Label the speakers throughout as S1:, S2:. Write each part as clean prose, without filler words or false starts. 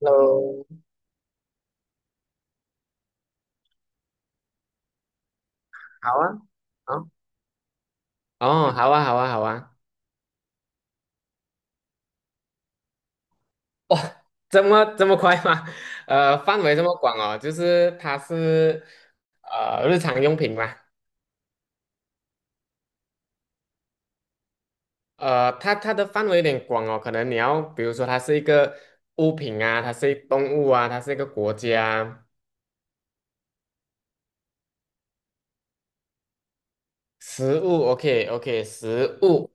S1: Hello，好啊，好，哦，好啊，好啊，好啊，这么快吗？范围这么广哦，就是它是日常用品嘛，它的范围有点广哦，可能你要比如说它是一个物品啊，它是一动物啊，它是一个国家，食物，OK OK，食物，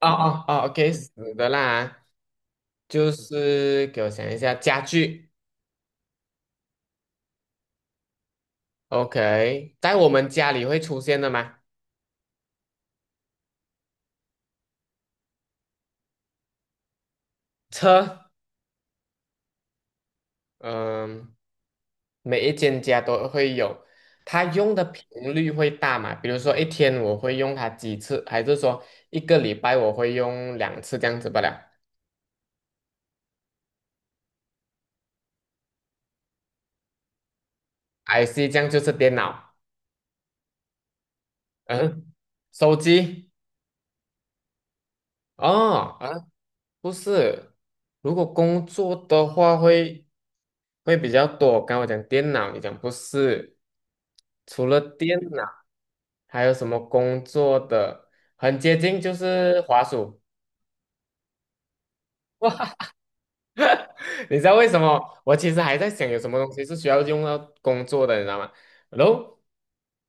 S1: 哦哦哦，OK，死的啦，就是给我想一下，家具，OK，在我们家里会出现的吗？车，嗯、每一间家都会有，它用的频率会大嘛？比如说一天我会用它几次，还是说一个礼拜我会用2次这样子不了？IC 这样就是电脑，嗯，手机哦，啊，不是，如果工作的话会比较多。刚刚我讲电脑，你讲不是，除了电脑还有什么工作的很接近就是滑鼠。你知道为什么？我其实还在想有什么东西是需要用到工作的，你知道吗？然后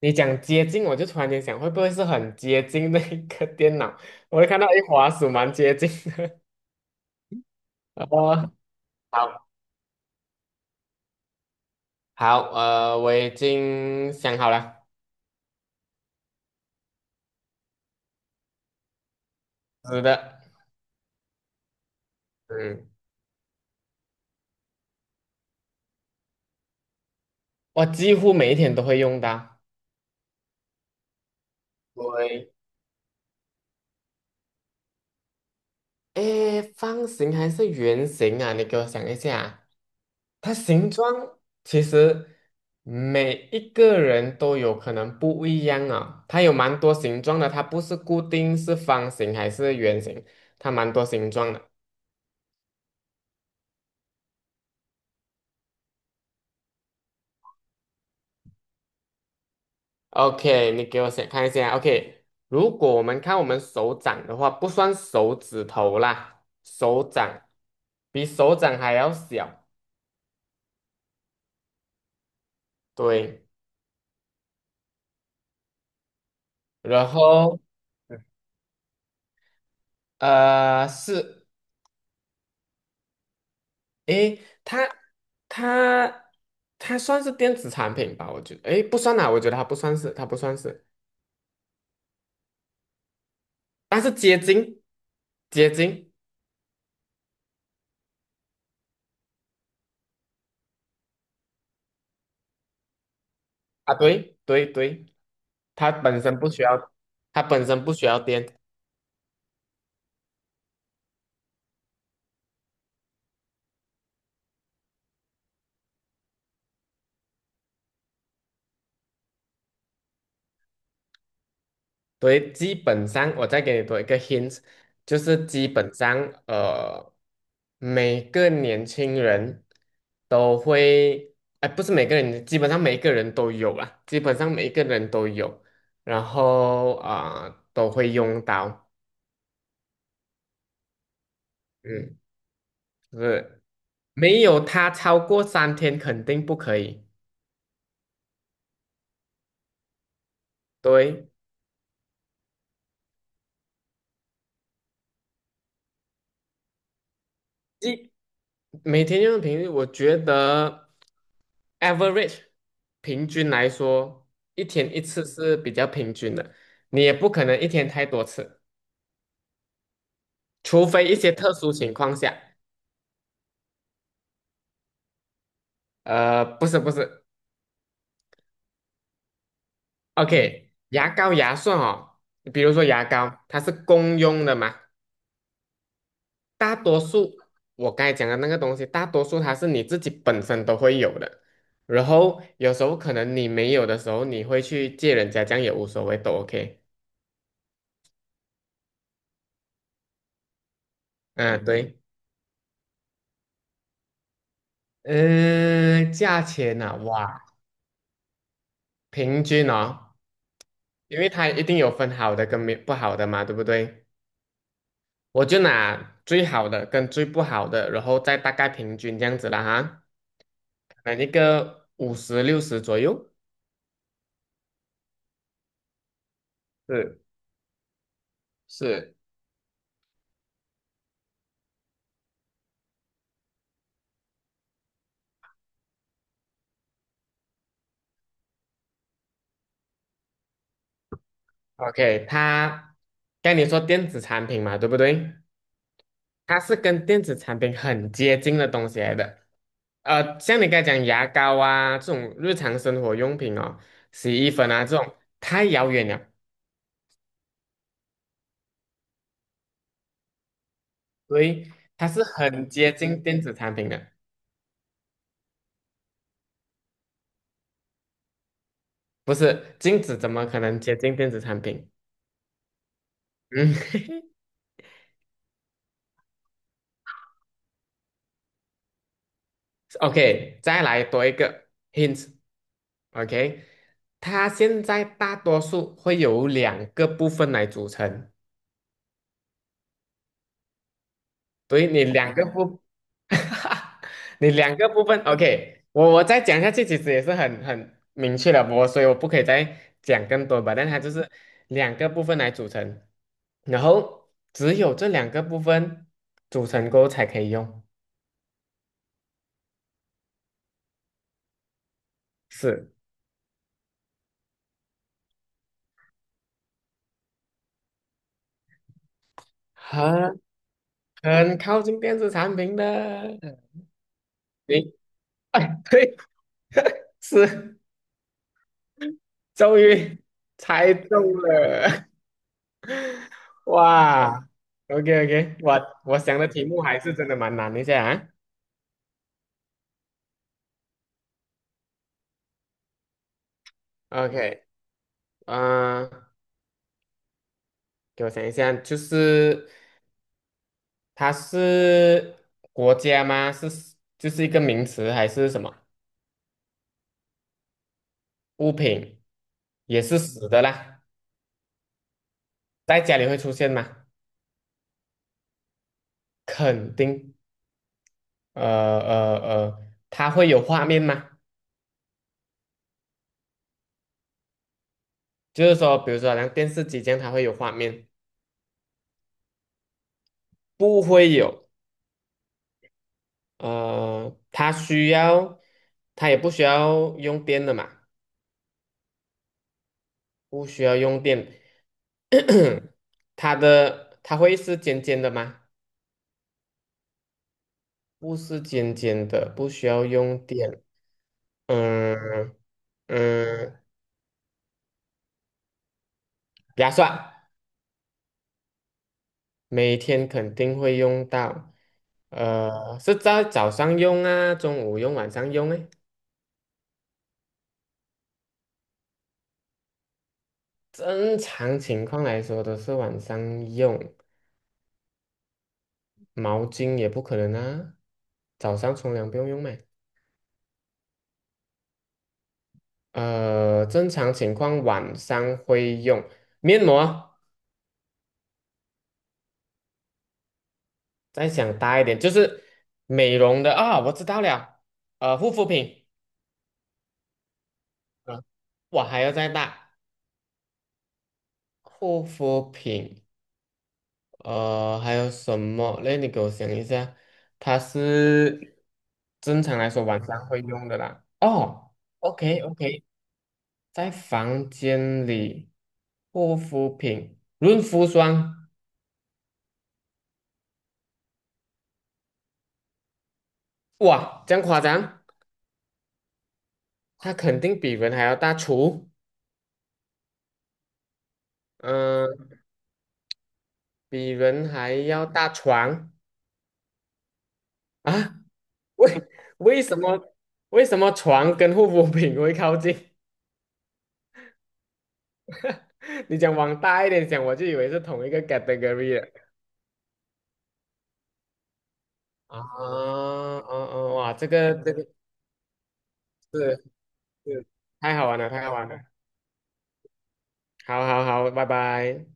S1: 你讲接近，我就突然间想，会不会是很接近那一个电脑？我就看到一滑鼠蛮接近的。哦，好，好，我已经想好了，是的，嗯，我几乎每一天都会用到。对诶，方形还是圆形啊？你给我想一下，它形状其实每一个人都有可能不一样啊、它有蛮多形状的，它不是固定是方形还是圆形，它蛮多形状的。OK，你给我想看一下。OK，如果我们看我们手掌的话，不算手指头啦，手掌比手掌还要小。对，然后是诶，它它它算是电子产品吧？我觉得，诶，不算啦，我觉得它不算是，它不算是，但是结晶，结晶啊，对对对，它本身不需要，它本身不需要电，对，基本上，我再给你多一个 hint，就是基本上，呃，每个年轻人都会，哎，不是每个人，基本上每一个人都有啦，基本上每一个人都有，然后啊、都会用到，嗯，是，没有它超过3天肯定不可以，对，一每天用的频率，我觉得。average 平均来说，一天一次是比较平均的，你也不可能一天太多次，除非一些特殊情况下。不是不是，OK，牙膏牙刷哦，比如说牙膏，它是公用的嘛，大多数我刚才讲的那个东西，大多数它是你自己本身都会有的，然后有时候可能你没有的时候，你会去借人家，这样也无所谓，都 OK。嗯，对。嗯，价钱呐，哇，平均哦，因为它一定有分好的跟没不好的嘛，对不对？我就拿最好的跟最不好的，然后再大概平均这样子了哈，可能一个五十六十左右。是是，OK，它刚才你说电子产品嘛，对不对？它是跟电子产品很接近的东西来的。像你刚才讲牙膏啊这种日常生活用品哦，洗衣粉啊这种太遥远了，所以它是很接近电子产品的，不是镜子怎么可能接近电子产品？嗯 ，OK，再来多一个 hint，OK，它现在大多数会有两个部分来组成。所以你两个部，你两个部分，OK，我再讲下去，其实也是很明确了，所以我不可以再讲更多吧，但它就是两个部分来组成，然后只有这两个部分组成过后才可以用，是很很靠近电子产品的，嗯你 对，是终于猜中了，哇，OK OK，我想的题目还是真的蛮难一下啊。OK，嗯、给我想一下，就是它是国家吗？是就是一个名词还是什么物品？也是死的啦，在家里会出现吗？肯定，呃呃呃，它会有画面吗？就是说，比如说好像电视机这样，它会有画面，不会有。它需要，它也不需要用电的嘛。不需要用电，它会是尖尖的吗？不是尖尖的，不需要用电。嗯嗯，牙刷每天肯定会用到，是在早上用啊，中午用，晚上用诶。正常情况来说都是晚上用，毛巾也不可能啊，早上冲凉不用用咩？正常情况晚上会用面膜。再想大一点，就是美容的啊、我知道了，护肤品，啊，我还要再大，护肤品，还有什么嘞？那你给我想一下，它是正常来说晚上会用的啦。哦，OK OK，在房间里，护肤品，润肤霜，哇，这样夸张，它肯定比人还要大厨，嗯、比人还要大床。啊。为为什么为什么床跟护肤品会靠近？你讲往大一点讲，我就以为是同一个 category 了。啊，啊啊！哇，这个这个是是太好玩了，太好玩了。好好好，拜拜。